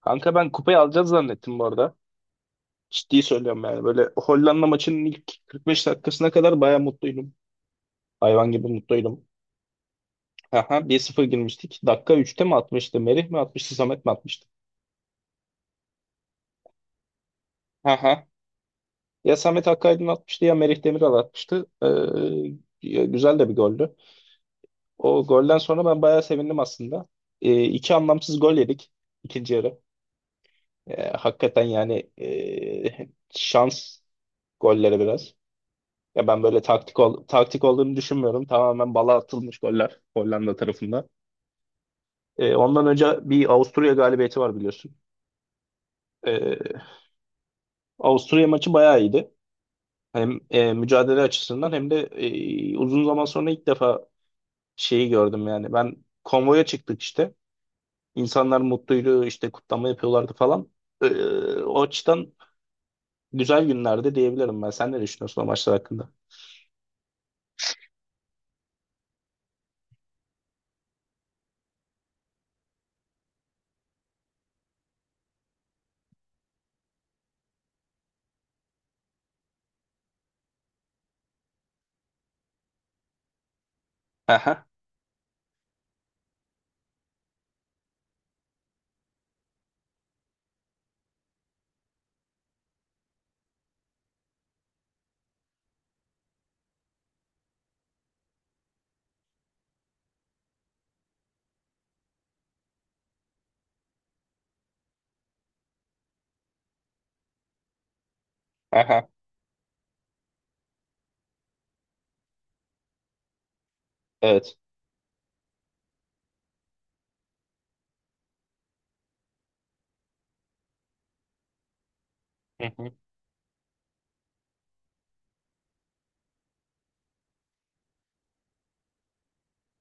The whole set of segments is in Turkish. Kanka ben kupayı alacağız zannettim bu arada. Ciddi söylüyorum yani. Böyle Hollanda maçının ilk 45 dakikasına kadar baya mutluydum. Hayvan gibi mutluydum. Aha, 1-0 girmiştik. Dakika üçte mi atmıştı? Merih mi atmıştı? Samet mi atmıştı? Aha. Ya Samet Akaydın atmıştı ya Merih Demiral atmıştı. Ya güzel de bir goldü. O golden sonra ben bayağı sevindim aslında. İki anlamsız gol yedik ikinci yarı. Hakikaten yani şans golleri biraz. Ya ben böyle taktik olduğunu düşünmüyorum. Tamamen bala atılmış goller Hollanda tarafında. Ondan önce bir Avusturya galibiyeti var biliyorsun. Ee, Avusturya maçı bayağı iyiydi. Hem mücadele açısından hem de uzun zaman sonra ilk defa şeyi gördüm yani. Ben konvoya çıktık işte. İnsanlar mutluydu işte kutlama yapıyorlardı falan. O açıdan güzel günlerde diyebilirim ben. Sen ne düşünüyorsun o maçlar hakkında? Aha, aha. Evet. Hı hı.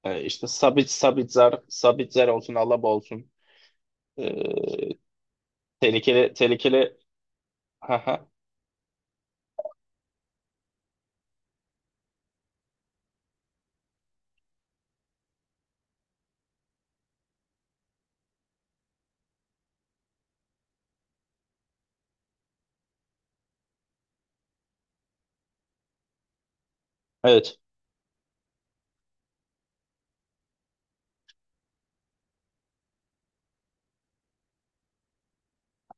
E, işte Sabitzer olsun, Alaba olsun. E, tehlikeli tehlikeli. Haha. Evet.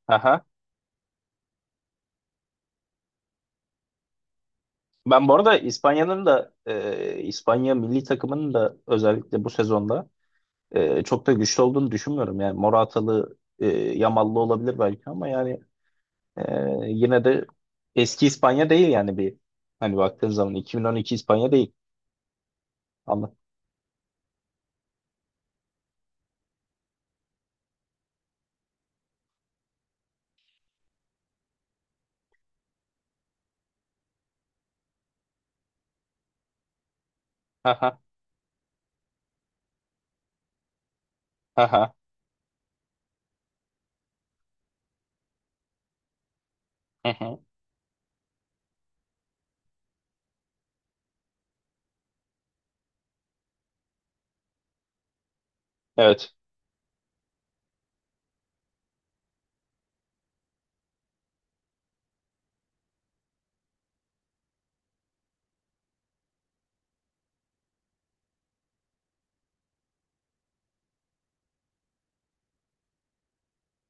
Haha. Ben bu arada İspanya'nın da İspanya milli takımının da özellikle bu sezonda çok da güçlü olduğunu düşünmüyorum. Yani Moratalı, Yamallı olabilir belki, ama yani e, yine de eski İspanya değil yani, bir hani baktığın zaman 2012 İspanya değil. Anla. Haha. Haha. Hı hı. Evet.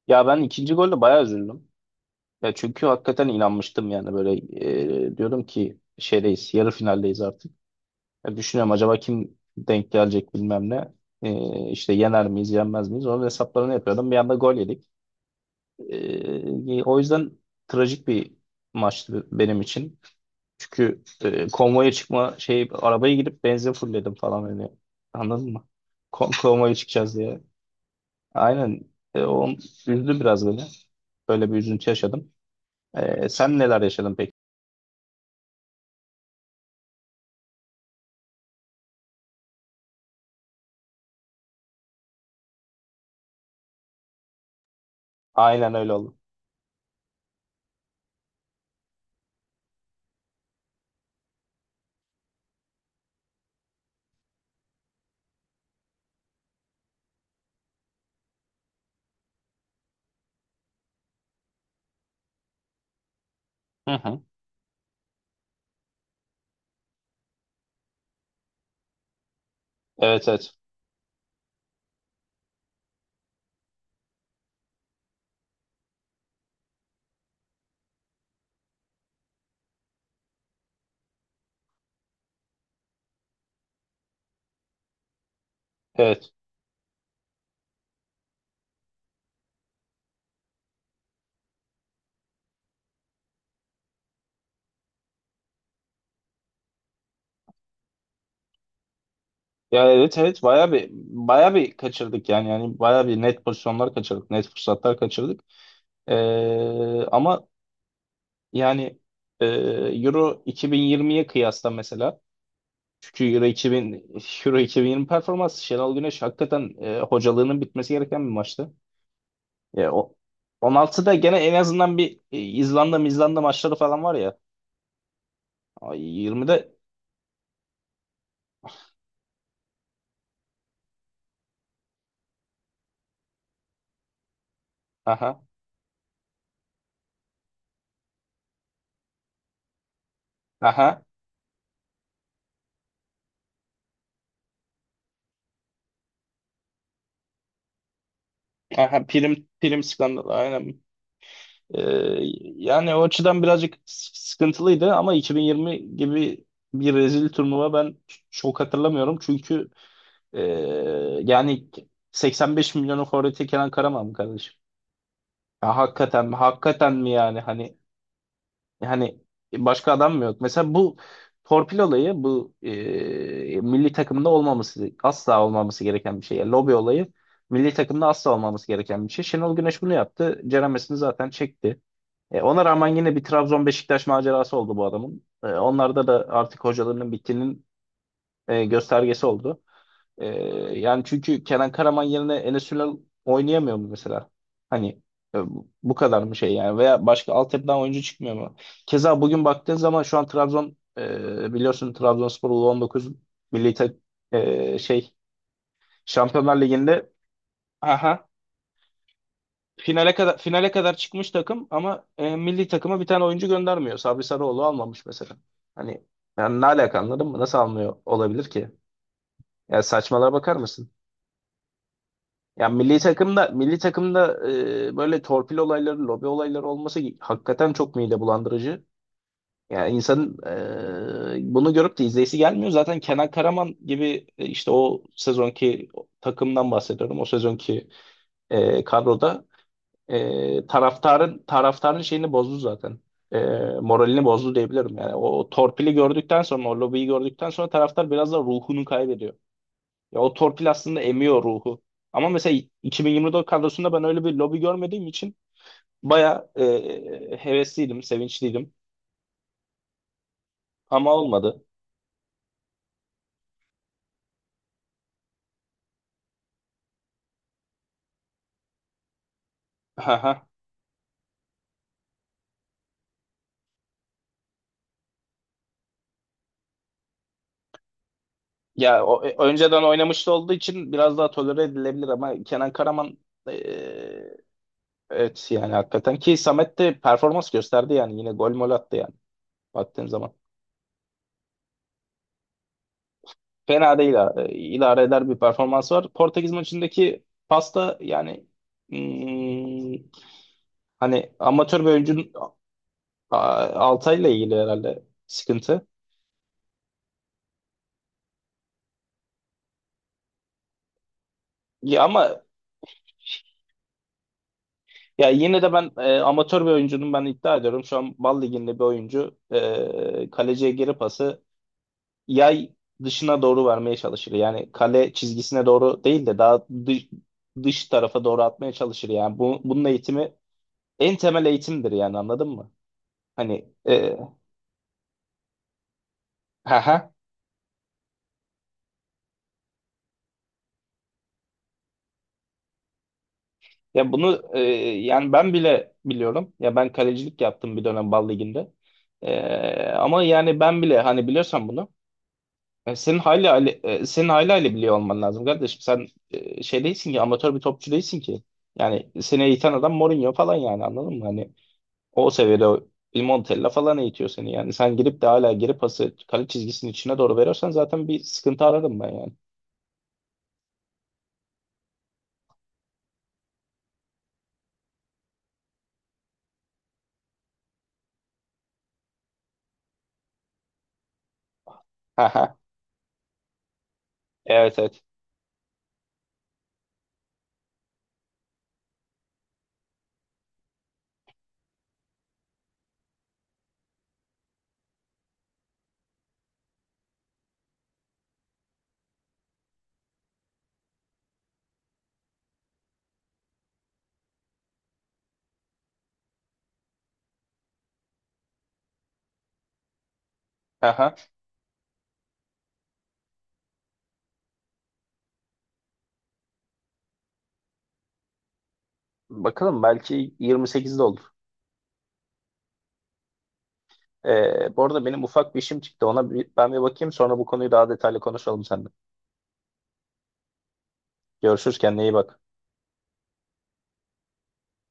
Ya ben ikinci golle bayağı üzüldüm. Ya çünkü hakikaten inanmıştım yani, böyle diyorum ki şeydeyiz, yarı finaldeyiz artık. Ya düşünüyorum acaba kim denk gelecek bilmem ne. E, işte yener miyiz yenmez miyiz onun hesaplarını yapıyordum. Bir anda gol yedik. O yüzden trajik bir maçtı benim için. Çünkü konvoya çıkma şey, arabaya gidip benzin fullledim falan, hani anladın mı? Konvoya çıkacağız diye. Aynen. O üzdü biraz beni. Böyle bir üzüntü yaşadım. Sen neler yaşadın peki? Aynen öyle oldu. Hı hı. Evet, evet. Evet. Ya, evet, evet, bayağı bir kaçırdık yani bayağı bir net pozisyonlar kaçırdık, net fırsatlar kaçırdık. Ama yani Euro 2020'ye kıyasla mesela, çünkü Euro 2000 Euro 2020 performansı, Şenol Güneş hakikaten hocalığının bitmesi gereken bir maçtı. Ya o 16'da gene en azından bir İzlanda maçları falan var ya. Ay, 20'de aha, aha, aha, prim prim skandal, aynen. Ee, yani o açıdan birazcık sıkıntılıydı, ama 2020 gibi bir rezil turnuva ben çok hatırlamıyorum. Çünkü ee, yani 85 milyonun forveti Kenan Karaman kardeşim. Ya hakikaten mi? Hakikaten mi yani? Hani başka adam mı yok? Mesela bu torpil olayı bu milli takımda olmaması, asla olmaması gereken bir şey. Yani lobi olayı milli takımda asla olmaması gereken bir şey. Şenol Güneş bunu yaptı. Ceremesini zaten çekti. Ona rağmen yine bir Trabzon Beşiktaş macerası oldu bu adamın. Onlarda da artık hocalarının bittiğinin göstergesi oldu. E, yani çünkü Kenan Karaman yerine Enes Ünal oynayamıyor mu mesela? Hani e, bu kadar mı şey yani, veya başka altyapıdan oyuncu çıkmıyor mu? Keza bugün baktığın zaman şu an Trabzon, biliyorsun Trabzonspor U19 milli tak- şey Şampiyonlar Ligi'nde finale kadar çıkmış takım, ama milli takıma bir tane oyuncu göndermiyor. Sabri Sarıoğlu almamış mesela. Hani yani ne alaka, anladın mı? Nasıl almıyor olabilir ki? Ya saçmalara bakar mısın? Ya milli takımda böyle torpil olayları, lobi olayları olması hakikaten çok mide bulandırıcı. Yani insanın bunu görüp de izleyisi gelmiyor. Zaten Kenan Karaman gibi, işte o sezonki takımdan bahsediyorum. O sezonki kadroda, taraftarın şeyini bozdu zaten. E, moralini bozdu diyebilirim yani. O torpili gördükten sonra, o lobiyi gördükten sonra, taraftar biraz da ruhunu kaybediyor. Ya o torpil aslında emiyor ruhu. Ama mesela 2024 kadrosunda ben öyle bir lobi görmediğim için baya hevesliydim, sevinçliydim. Ama olmadı. Haha. Ya o, önceden oynamış da olduğu için biraz daha tolere edilebilir, ama Kenan Karaman e, evet yani, hakikaten ki Samet de performans gösterdi yani, yine gol mol attı yani. Baktığım zaman, fena değil, idare eder bir performans var. Portekiz maçındaki pasta yani, hmm, hani amatör bir oyuncunun, Altay'la ilgili herhalde sıkıntı. Ya ama ya yine de ben, amatör bir oyuncunun, ben iddia ediyorum. Şu an Bal Ligi'nde bir oyuncu kaleciye geri pası yay dışına doğru vermeye çalışır. Yani kale çizgisine doğru değil de daha dış tarafa doğru atmaya çalışır. Yani bunun eğitimi en temel eğitimdir yani, anladın mı? Hani haha. Ya bunu yani ben bile biliyorum. Ya ben kalecilik yaptım bir dönem Bal Ligi'nde. Ama yani ben bile, hani, biliyorsan bunu. Senin hayli hayli biliyor olman lazım kardeşim. Sen şey değilsin ki, amatör bir topçu değilsin ki. Yani seni eğiten adam Mourinho falan yani, anladın mı? Hani o seviyede, o Il Montella falan eğitiyor seni yani. Sen girip de hala geri pası kale çizgisinin içine doğru veriyorsan zaten bir sıkıntı ararım ben yani. Haha. Evet, evet. Haha. Bakalım, belki 28'de olur. Bu arada benim ufak bir işim çıktı. Ona bir, ben bir bakayım, sonra bu konuyu daha detaylı konuşalım seninle. Görüşürüz, kendine iyi bak.